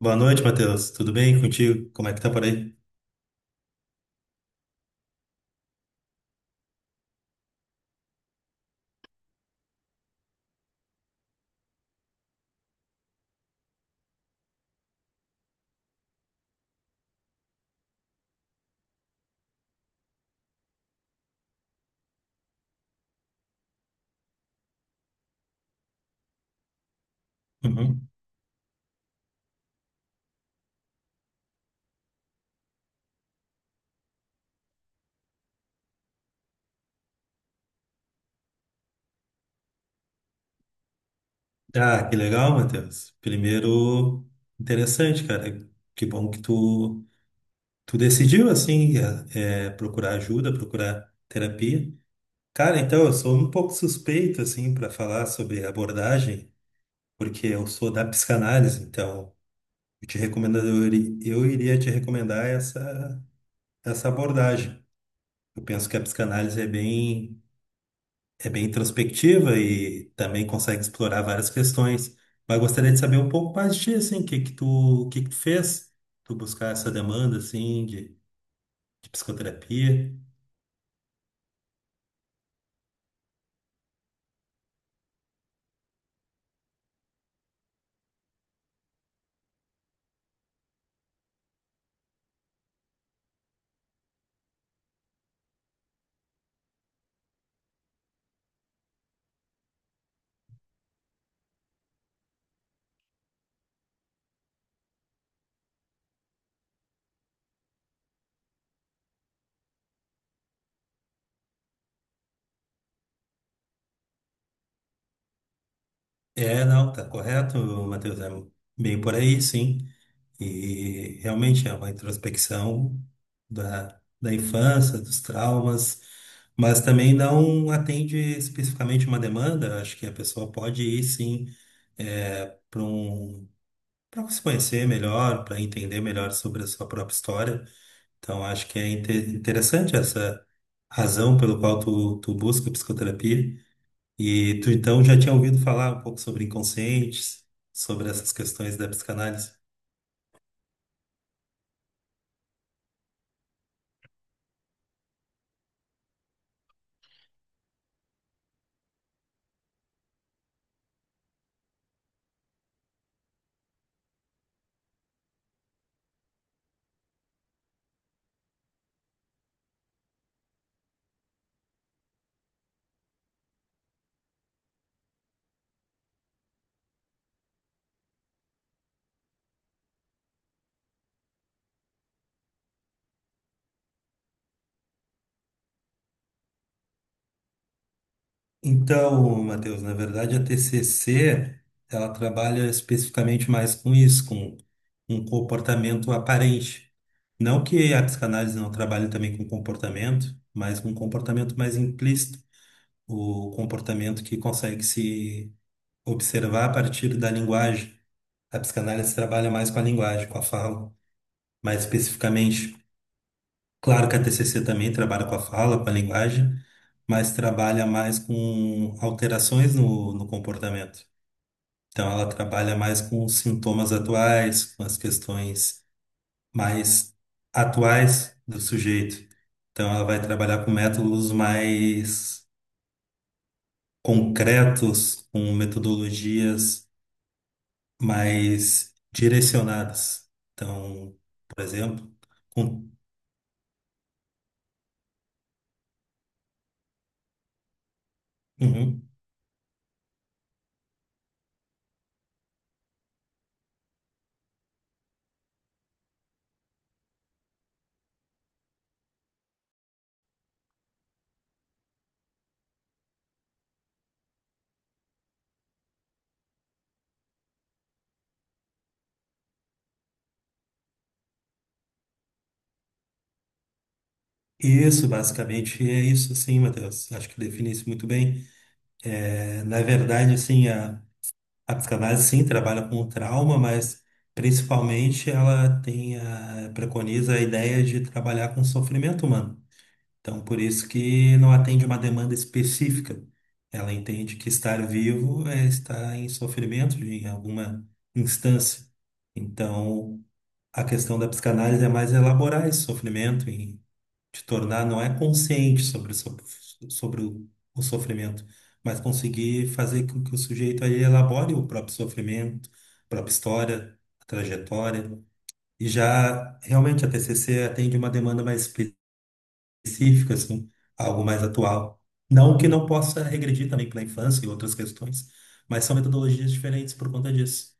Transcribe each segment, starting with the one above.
Boa noite, Matheus. Tudo bem contigo? Como é que tá por aí? Uhum. Ah, que legal, Matheus. Primeiro, interessante, cara. Que bom que tu decidiu, assim, procurar ajuda, procurar terapia. Cara, então, eu sou um pouco suspeito, assim, para falar sobre abordagem, porque eu sou da psicanálise, então, eu te recomendo, eu, iri- eu iria te recomendar essa abordagem. Eu penso que a psicanálise é bem introspectiva e também consegue explorar várias questões. Mas gostaria de saber um pouco mais de ti, assim, o que que tu fez? Tu buscar essa demanda, assim, de psicoterapia. É, não, tá correto, Matheus, é bem por aí, sim. E realmente é uma introspecção da infância, dos traumas, mas também não atende especificamente uma demanda. Acho que a pessoa pode ir, sim, para um para se conhecer melhor, para entender melhor sobre a sua própria história. Então, acho que é interessante essa razão pelo qual tu busca psicoterapia. E tu, então, já tinha ouvido falar um pouco sobre inconscientes, sobre essas questões da psicanálise. Então, Matheus, na verdade, a TCC, ela trabalha especificamente mais com isso, com um comportamento aparente. Não que a psicanálise não trabalhe também com comportamento, mas com um comportamento mais implícito o comportamento que consegue se observar a partir da linguagem. A psicanálise trabalha mais com a linguagem, com a fala, mais especificamente. Claro que a TCC também trabalha com a fala, com a linguagem, mas trabalha mais com alterações no comportamento. Então, ela trabalha mais com os sintomas atuais, com as questões mais atuais do sujeito. Então, ela vai trabalhar com métodos mais concretos, com metodologias mas direcionadas. Então, por exemplo, com- Uhum. Isso, basicamente, é isso, sim, Matheus. Acho que define isso muito bem. É, na verdade, assim, a psicanálise, sim, trabalha com o trauma, mas principalmente ela tem a, preconiza a ideia de trabalhar com o sofrimento humano. Então, por isso que não atende uma demanda específica. Ela entende que estar vivo é estar em sofrimento em alguma instância. Então, a questão da psicanálise é mais elaborar esse sofrimento e te tornar não é consciente sobre o sofrimento, mas conseguir fazer com que o sujeito aí elabore o próprio sofrimento, a própria história, a trajetória. E já realmente a TCC atende uma demanda mais específico, assim, algo mais atual. Não que não possa regredir também para a infância e outras questões, mas são metodologias diferentes por conta disso.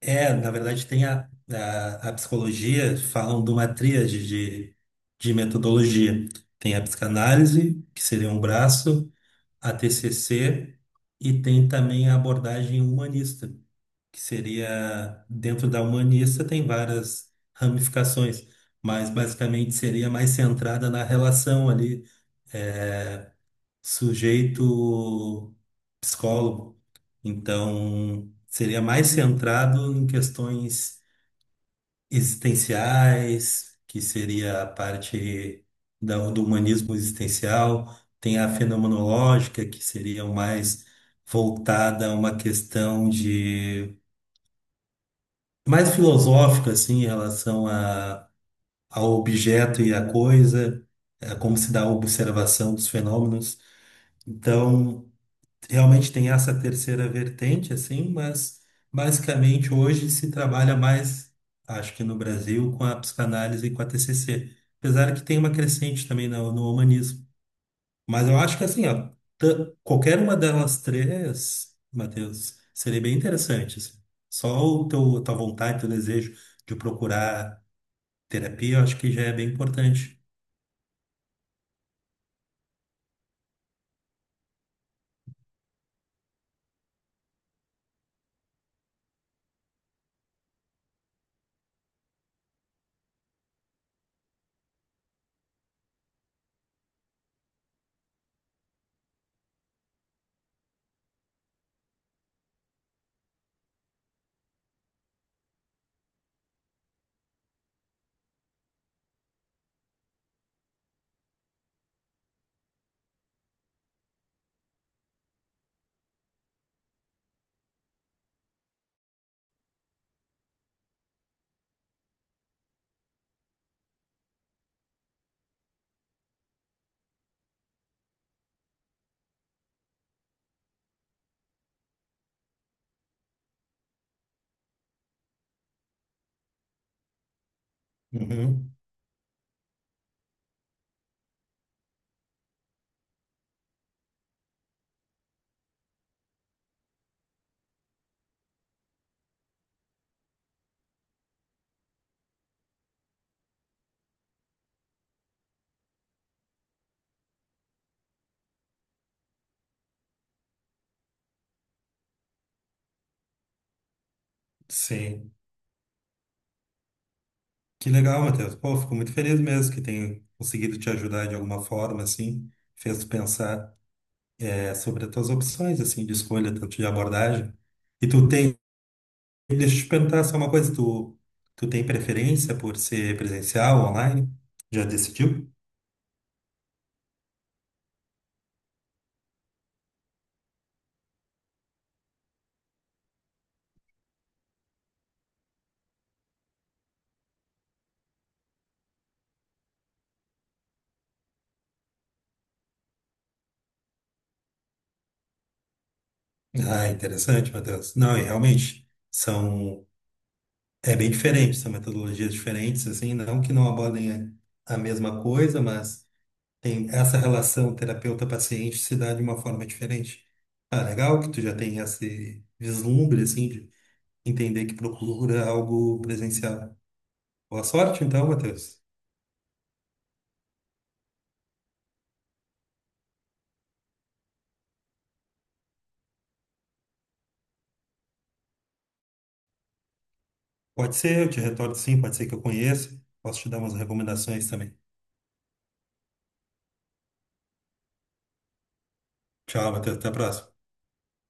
É, na verdade, tem a psicologia, falam de uma tríade de metodologia. Tem a psicanálise, que seria um braço, a TCC, e tem também a abordagem humanista, que seria, dentro da humanista, tem várias ramificações mas basicamente seria mais centrada na relação ali é, sujeito psicólogo, então seria mais centrado em questões existenciais, que seria a parte do humanismo existencial, tem a fenomenológica, que seria mais voltada a uma questão de mais filosófica assim em relação ao objeto e à coisa, é como se dá a observação dos fenômenos. Então, realmente tem essa terceira vertente, assim, mas basicamente hoje se trabalha mais, acho que no Brasil, com a psicanálise e com a TCC, apesar que tem uma crescente também no humanismo. Mas eu acho que assim, ó, ta- qualquer uma delas três, Matheus, seria bem interessante, assim. Só o teu, tua vontade, teu desejo de procurar terapia, eu acho que já é bem importante. Uhum. Sim. Que legal, Matheus. Pô, fico muito feliz mesmo que tenha conseguido te ajudar de alguma forma, assim. Fez tu pensar, é, sobre as tuas opções, assim, de escolha, tanto de abordagem. E tu tem, deixa eu te perguntar só uma coisa, tu tem preferência por ser presencial, online? Já decidiu? Ah, interessante, Matheus. Não, e realmente, são É bem diferente, são metodologias diferentes, assim, não que não abordem a mesma coisa, mas tem essa relação terapeuta-paciente se dá de uma forma diferente. Ah, legal que tu já tem esse vislumbre, assim, de entender que procura algo presencial. Boa sorte, então, Matheus. Pode ser, eu te retorno sim, pode ser que eu conheça. Posso te dar umas recomendações também. Tchau, Matheus, até a próxima.